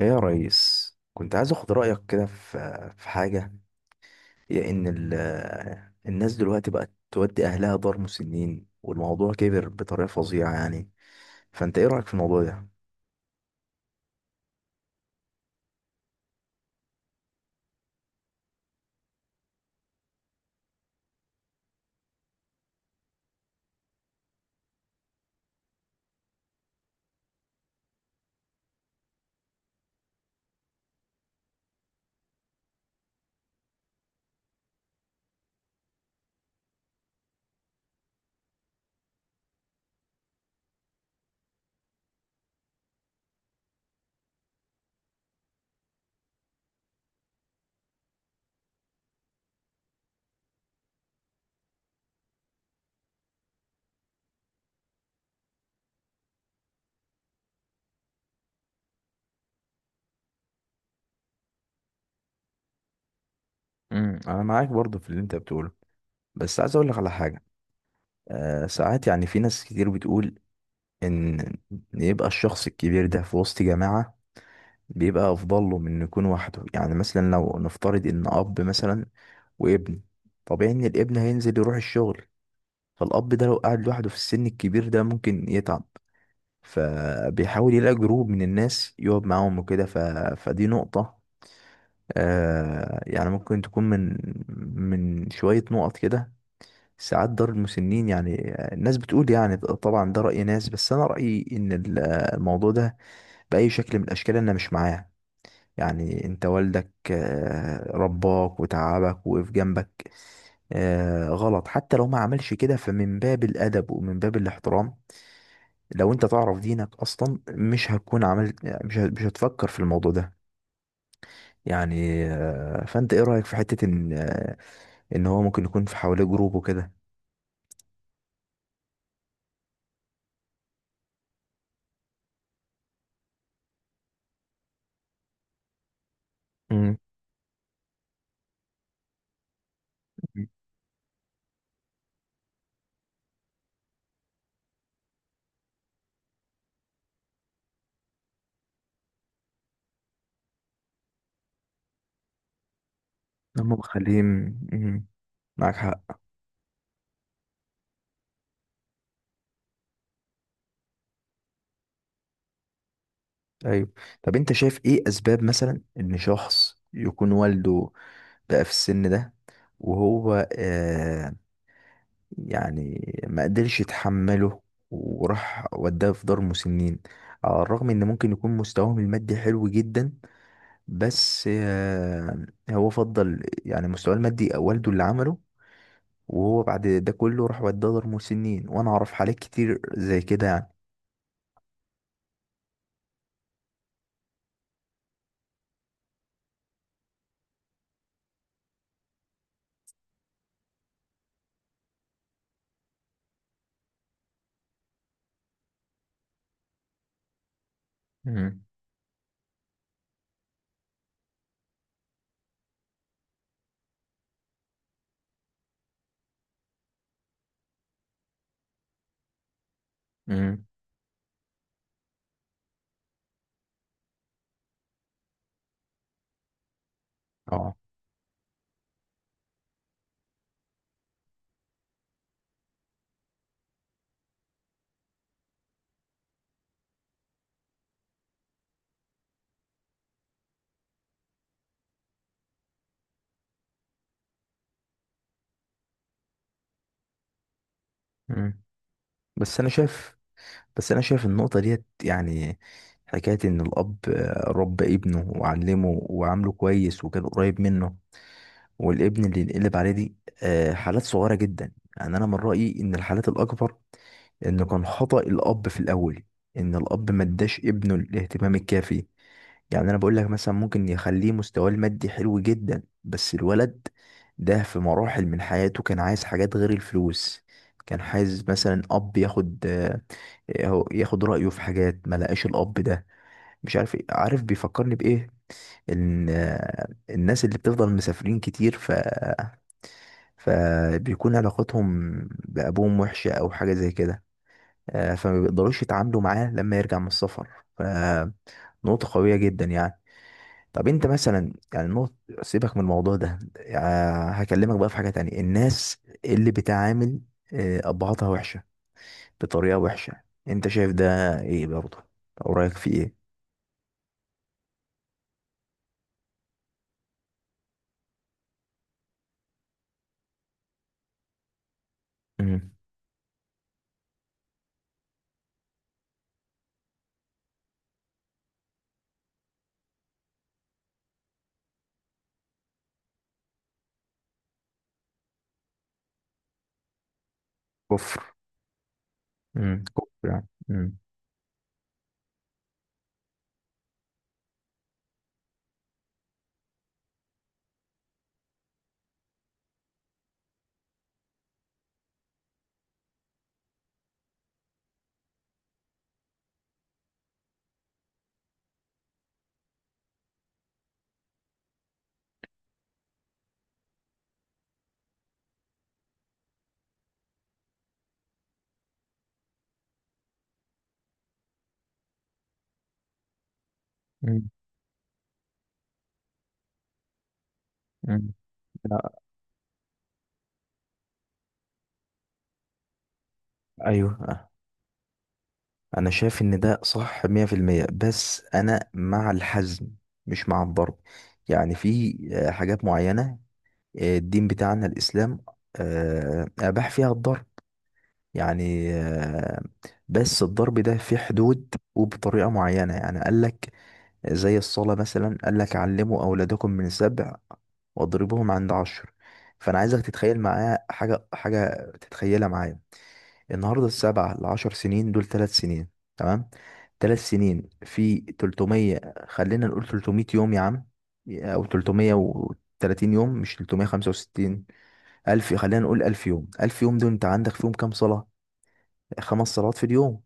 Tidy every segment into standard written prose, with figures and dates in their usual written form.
ايه يا ريس، كنت عايز اخد رايك كده في حاجه، هي ان الناس دلوقتي بقت تودي اهلها دار مسنين، والموضوع كبر بطريقه فظيعه يعني. فانت ايه رايك في الموضوع ده؟ انا معاك برضو في اللي انت بتقوله، بس عايز اقول لك على حاجه. ساعات يعني في ناس كتير بتقول ان، إن يبقى الشخص الكبير ده في وسط جماعه بيبقى افضل له من إنه يكون وحده. يعني مثلا لو نفترض ان اب مثلا وابن، طبيعي ان الابن هينزل يروح الشغل، فالأب ده لو قعد لوحده في السن الكبير ده ممكن يتعب، فبيحاول يلاقي جروب من الناس يقعد معاهم وكده فدي نقطة. يعني ممكن تكون من شوية نقط كده. ساعات دار المسنين يعني، الناس بتقول، يعني طبعا ده رأي ناس، بس أنا رأيي إن الموضوع ده بأي شكل من الأشكال أنا مش معاه. يعني أنت والدك رباك وتعبك ووقف جنبك. غلط حتى لو ما عملش كده، فمن باب الأدب ومن باب الاحترام، لو انت تعرف دينك اصلا مش هتكون عملت، مش هتفكر في الموضوع ده. يعني فانت ايه رأيك في حتة ان ان هو ممكن يكون في حواليه جروب وكده؟ امم، هم مخليه. مم. معاك حق. ايوه، طب انت شايف ايه اسباب مثلا ان شخص يكون والده بقى في السن ده وهو، يعني، ما قدرش يتحمله، وراح وداه في دار مسنين، على الرغم ان ممكن يكون مستواهم المادي حلو جدا، بس هو فضل يعني مستواه المادي والده اللي عمله، وهو بعد ده كله راح وداه دار مسنين، وانا اعرف حالات كتير زي كده يعني. مم. مم. اه. مم. بس انا شايف بس انا شايف النقطة ديت يعني، حكاية ان الاب ربى ابنه وعلمه وعامله كويس وكان قريب منه، والابن اللي ينقلب عليه دي، حالات صغيرة جدا. يعني انا من رأيي ان الحالات الاكبر إنه كان خطأ الأب في الأول، إن الأب ما اداش ابنه الاهتمام الكافي. يعني أنا بقول لك مثلا ممكن يخليه مستواه المادي حلو جدا بس الولد ده في مراحل من حياته كان عايز حاجات غير الفلوس. كان عايز مثلا أب ياخد، ياخد رأيه في حاجات، ما لقاش الأب ده. مش عارف إيه- عارف بيفكرني بإيه؟ إن الناس اللي بتفضل مسافرين كتير فبيكون علاقتهم بأبوهم وحشة أو حاجة زي كده، فما بيقدروش يتعاملوا معاه لما يرجع من السفر. فنقطة قوية جدا يعني. طب انت مثلا، يعني نقطة، سيبك من الموضوع ده، يعني هكلمك بقى في حاجة تانية. الناس اللي بتعامل أبهاتها وحشة بطريقة وحشة، انت شايف ده ايه برضه، او رأيك في ايه؟ مم. كفر. مم. كفر يعني. مم. مم. مم. لا. ايوه، انا شايف ان ده صح 100%. بس انا مع الحزم، مش مع الضرب. يعني في حاجات معينة، الدين بتاعنا الاسلام اباح فيها الضرب. يعني بس الضرب ده في حدود وبطريقة معينة. يعني قال لك زي الصلاة مثلا، قال لك علموا اولادكم من سبع واضربوهم عند عشر. فانا عايزك تتخيل معايا حاجة، حاجة تتخيلها معايا. النهارده، 7 لـ 10 سنين دول 3 سنين، تمام؟ 3 سنين في 300، خلينا نقول 300 يوم يا عم، أو 330 يوم، مش 365. ألف، خلينا نقول 1000 يوم. 1000 يوم دول أنت عندك فيهم كام صلاة؟ 5 صلوات في اليوم،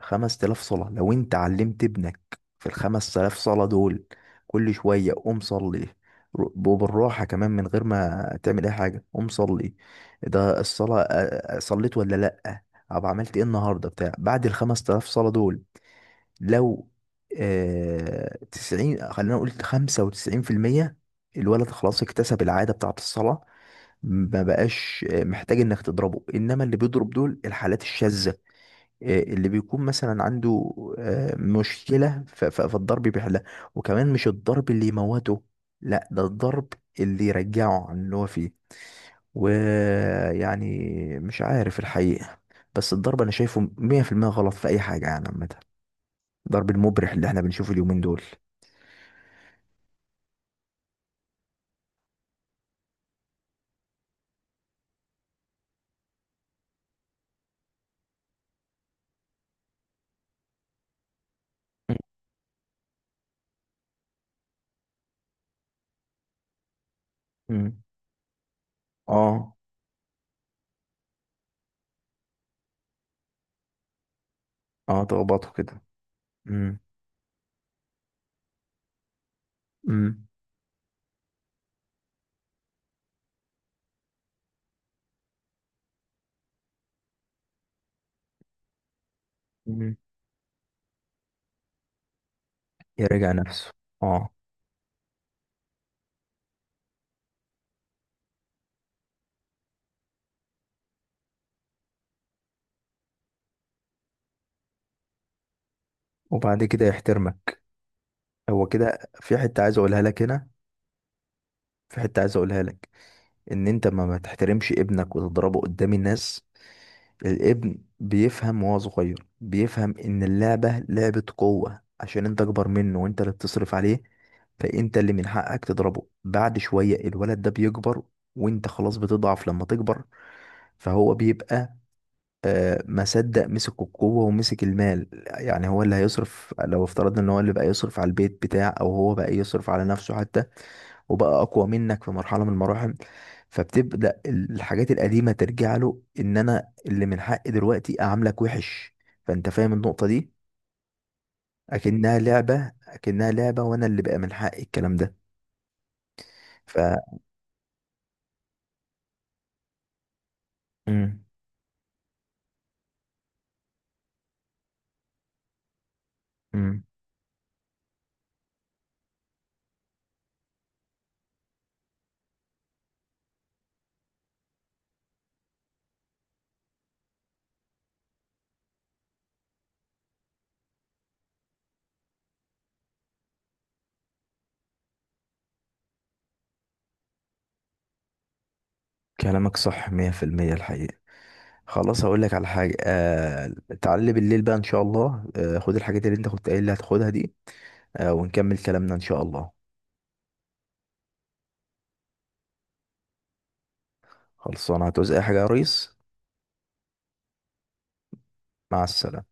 5000 صلاة. لو انت علمت ابنك في الـ 5000 صلاة دول كل شوية قوم صلي، وبالراحة كمان، من غير ما تعمل أي حاجة قوم صلي، ده الصلاة. صليت ولا لأ؟ أو عملت إيه النهاردة بتاع؟ بعد الـ 5000 صلاة دول، لو 90، خلينا نقول 95%، الولد خلاص اكتسب العادة بتاعة الصلاة، ما بقاش محتاج إنك تضربه. إنما اللي بيضرب دول الحالات الشاذة، اللي بيكون مثلا عنده مشكلة فالضرب بيحلها. وكمان مش الضرب اللي يموته، لا، ده الضرب اللي يرجعه عن اللي هو فيه. ويعني مش عارف الحقيقة، بس الضرب أنا شايفه 100% غلط في أي حاجة يعني، عامة الضرب المبرح اللي احنا بنشوفه اليومين دول. مم. اه. اه، تخبطه كده. مم. مم. مم. يراجع نفسه. اه، وبعد كده يحترمك. هو كده، في حتة عايز اقولها لك هنا، في حتة عايز اقولها لك. ان انت ما تحترمش ابنك وتضربه قدام الناس. الابن بيفهم وهو صغير، بيفهم ان اللعبة لعبة قوة، عشان انت اكبر منه وانت اللي بتصرف عليه، فانت اللي من حقك تضربه. بعد شوية الولد ده بيكبر، وانت خلاص بتضعف لما تكبر، فهو بيبقى ما صدق مسك القوة ومسك المال. يعني هو اللي هيصرف، لو افترضنا ان هو اللي بقى يصرف على البيت بتاع، او هو بقى يصرف على نفسه حتى، وبقى اقوى منك في مرحله من المراحل، فبتبدا الحاجات القديمه ترجع له ان انا اللي من حقي دلوقتي اعاملك وحش. فانت فاهم النقطه دي؟ اكنها لعبه، اكنها لعبه وانا اللي بقى من حقي الكلام ده. ف مم. مم. كلامك صح 100% الحقيقه. خلاص هقول لك على حاجه، تعالى بالليل بقى ان شاء الله، خد الحاجات اللي انت كنت قايل لي هتاخدها دي، ونكمل كلامنا ان شاء الله. خلصانه، هتعوز اي حاجه يا ريس؟ مع السلامه.